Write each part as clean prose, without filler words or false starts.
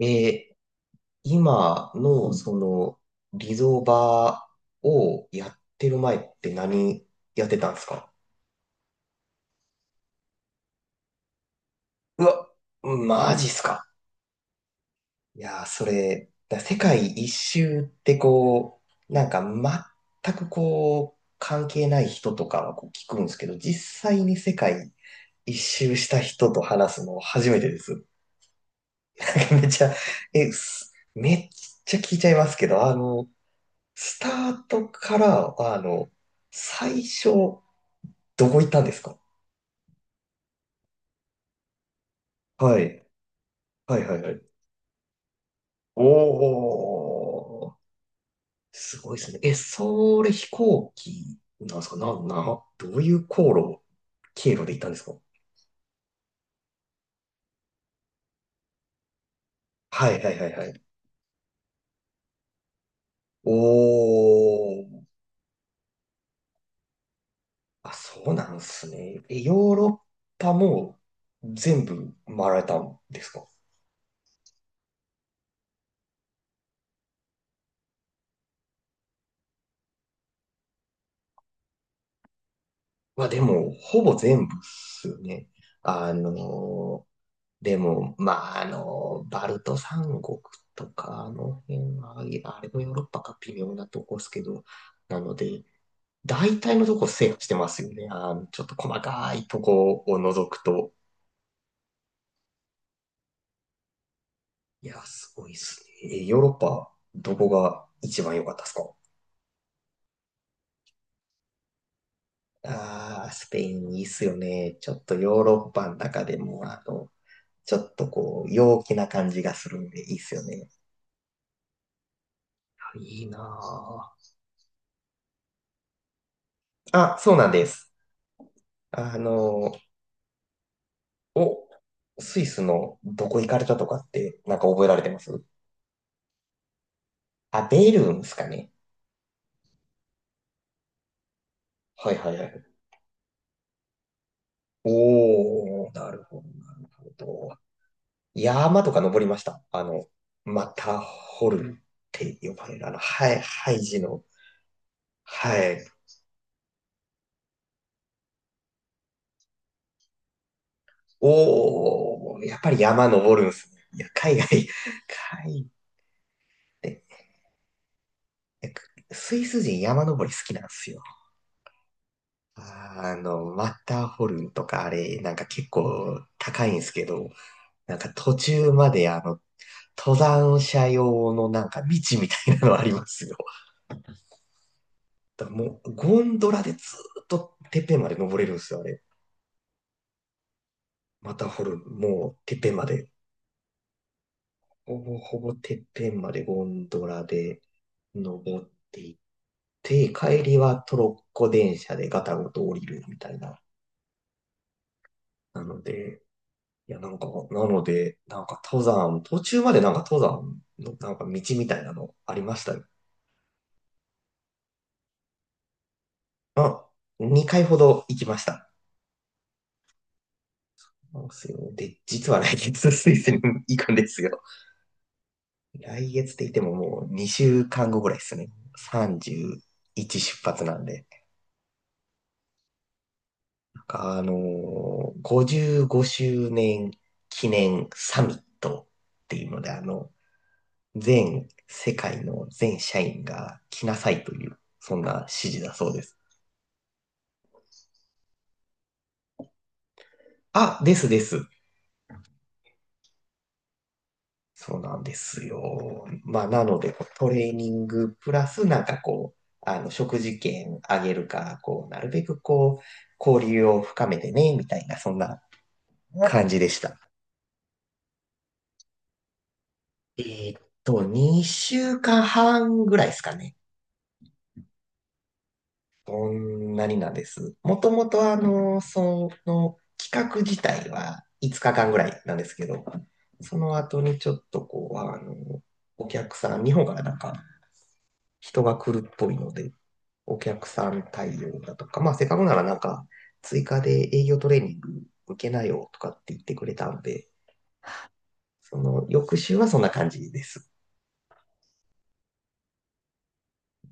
えー今のそのリゾバをやってる前って何やってたんですか？うわ、マジっすか。いやー、それ、世界一周ってこう、なんか全くこう、関係ない人とかはこう聞くんですけど、実際に世界一周した人と話すの初めてです。なんかめっちゃ聞いちゃいますけど、スタートから、最初、どこ行ったんですか？はい。はいはいはい。おー、すごいですね。え、それ飛行機なんですか？どういう航路、経路で行ったんですか？はいはいはいはい。おー、あ、そうなんですね。え、ヨーロッパも全部回られたんですか？まあでも、ほぼ全部っすよね。あのーでも、まあ、バルト三国とか、あの辺は、いやあれもヨーロッパか微妙なとこですけど、なので、大体のとこ制覇してますよね。ちょっと細かいとこを除くと。いや、すごいですね。え、ヨーロッパ、どこが一番良かったですか？ああ、スペインいいっすよね。ちょっとヨーロッパの中でも、ちょっとこう、陽気な感じがするんでいいっすよね。あいいなぁあ、そうなんです。あのお、スイスのどこ行かれたとかって、なんか覚えられてます？あ、ベルンですかね。はいはいはい。おー、なるほど。山とか登りました？マターホルンって呼ばれる、あの、ハイジの、はい。おー、やっぱり山登るんすね。いや、海外って、いやスイス人山登り好きなんですよ。マッターホルンとかあれ、なんか結構高いんですけど、なんか途中まで登山者用のなんか道みたいなのありますよ。だからもうゴンドラでずっとてっぺんまで登れるんですよ、あれ。また掘る、もうてっぺんまで。ほぼほぼてっぺんまでゴンドラで登っていって、帰りはトロッコ電車でガタゴト降りるみたいな。なので、いや、なんか、なので、なんか登山、途中までなんか登山のなんか道みたいなのありましたよ。まあ、2回ほど行きました。なすよ。で、実は来月スイスに行くんですよ。来月って言ってももう2週間後ぐらいですね。31出発なんで。なんか55周年記念サミットっていうので、全世界の全社員が来なさいという、そんな指示だそうです。あ、ですです。そうなんですよ。まあ、なので、こうトレーニングプラス、なんかこう、食事券あげるか、こう、なるべくこう、交流を深めてね、みたいな、そんな感じでした。2週間半ぐらいですかね。そんなになんです。もともと、企画自体は5日間ぐらいなんですけど、その後にちょっとこう、お客さん、日本からなんか人が来るっぽいので、お客さん対応だとか、まあ、せっかくならなんか、追加で営業トレーニング受けなよとかって言ってくれたんで、その翌週はそんな感じです。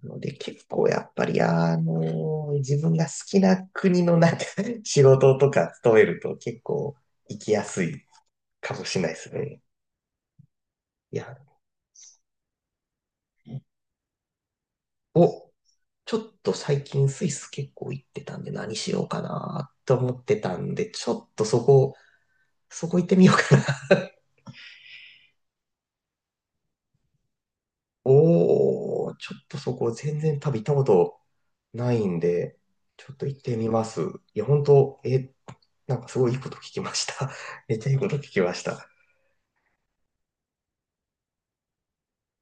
ので、結構やっぱり、自分が好きな国のなんか 仕事とか勤めると結構行きやすいかもしれないですね。いや、お、ちょっと最近スイス結構行ってたんで何しようかなと思ってたんで、ちょっとそこ行ってみようかな？おー、ちょっとそこ全然多分行ったことないんで、ちょっと行ってみます。いや、本当、え、なんかすごいいいこと聞きました。めっちゃいいこと聞きました。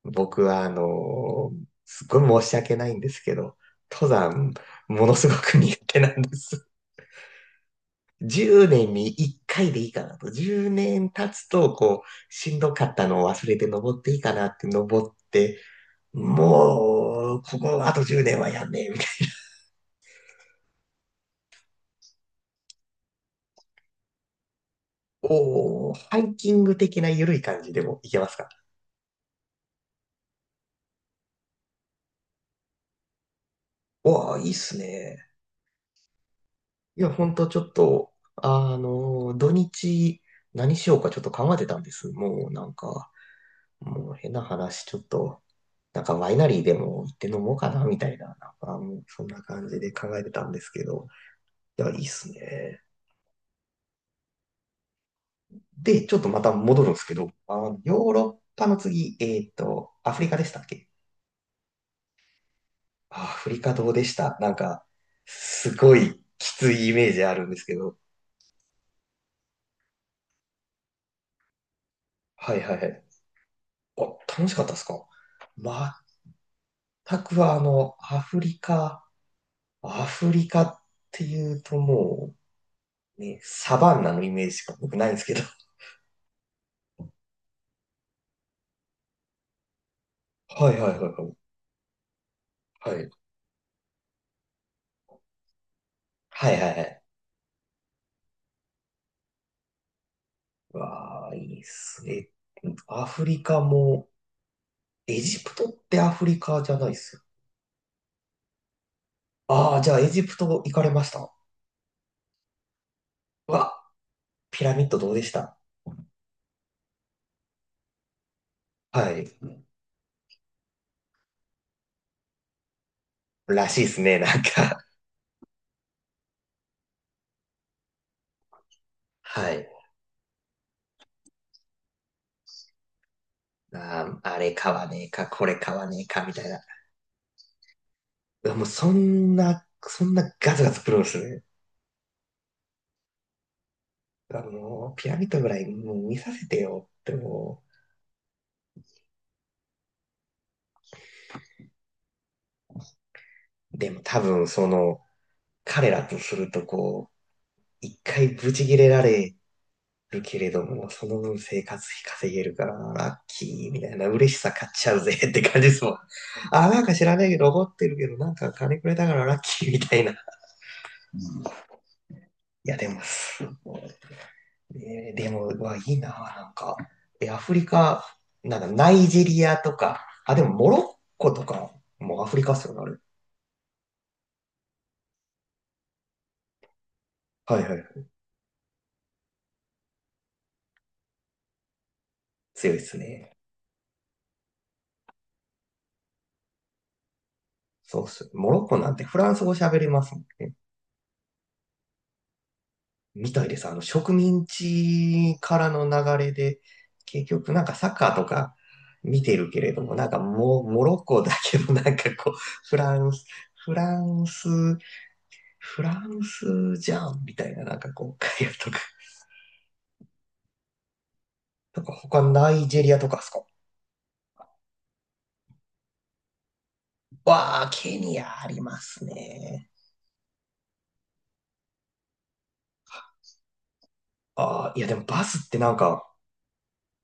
僕は、すっごい申し訳ないんですけど、登山、ものすごく苦手なんです。10年に1回でいいかなと。10年経つと、こう、しんどかったのを忘れて登っていいかなって登って、もう、ここあと10年はやんねえ、おお、ハイキング的な緩い感じでもいけますか？わあ、いいっすね。いや、ほんとちょっと、土日何しようかちょっと考えてたんです。もうなんか、もう変な話、ちょっと、なんかワイナリーでも行って飲もうかな、みたいな、なんかもうそんな感じで考えてたんですけど、いや、いいっすね。で、ちょっとまた戻るんですけど、ヨーロッパの次、アフリカでしたっけ？あ、アフリカどうでした？なんか、すごいきついイメージあるんですけど。はいはいはい。あ、楽しかったですか？全くはアフリカっていうともう、ね、サバンナのイメージしか僕ないんですけど。はいはいはいはい。はい。はいはいはい。わあ、いいっすね。アフリカも、エジプトってアフリカじゃないっすよ。ああ、じゃあエジプト行かれました？うわ、ピラミッドどうでした？はい。らしいですね、なんか。はい。あー、あれ買わねえか、これ買わねえか、みたいな。もうそんなガツガツプロですね。ピラミッドぐらいもう見させてよってもう。でも多分彼らとするとこう、一回ブチ切れられるけれども、その分生活費稼げるから、ラッキーみたいな、嬉しさ買っちゃうぜって感じですもん。あ、なんか知らないけど、怒ってるけど、なんか金くれたからラッキーみたいな。いや、でも、でも、うわ、いいな、なんか。え、アフリカ、なんだ、ナイジェリアとか、あ、でも、モロッコとかもうアフリカっすよね、あれ。はいはい。強いですね。そうっす。モロッコなんてフランス語喋れますもんね。みたいです。植民地からの流れで、結局なんかサッカーとか見てるけれども、なんかもう、モロッコだけど、なんかこう、フランス、フランス、フランスじゃんみたいな、なんかこう、会話とか他ナイジェリアとかですか？わあ、ケニアありますね。ああ、いやでもバスってなんか、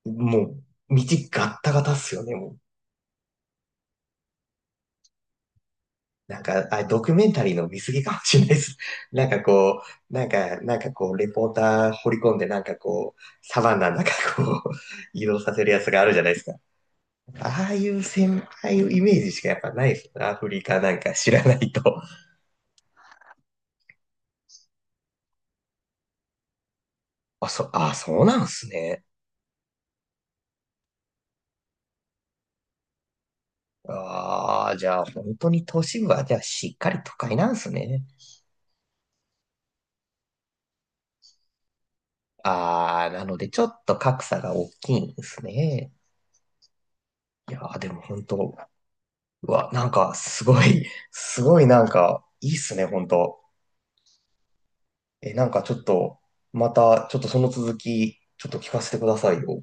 もう、道ガッタガタっすよね、もう。なんか、あれ、ドキュメンタリーの見過ぎかもしれないです。なんかこなんかこう、レポーター掘り込んで、なんかこう、サバンナなんかこう、移動させるやつがあるじゃないですか。ああいう先輩イメージしかやっぱないですよね。アフリカなんか知らないと。あ、そうなんすね。ああ、じゃあ本当に都市部はじゃあしっかり都会なんですね。ああ、なのでちょっと格差が大きいんですね。いやーでも本当、うわ、なんかすごい、すごいなんかいいっすね、本当。え、なんかちょっと、またちょっとその続き、ちょっと聞かせてくださいよ。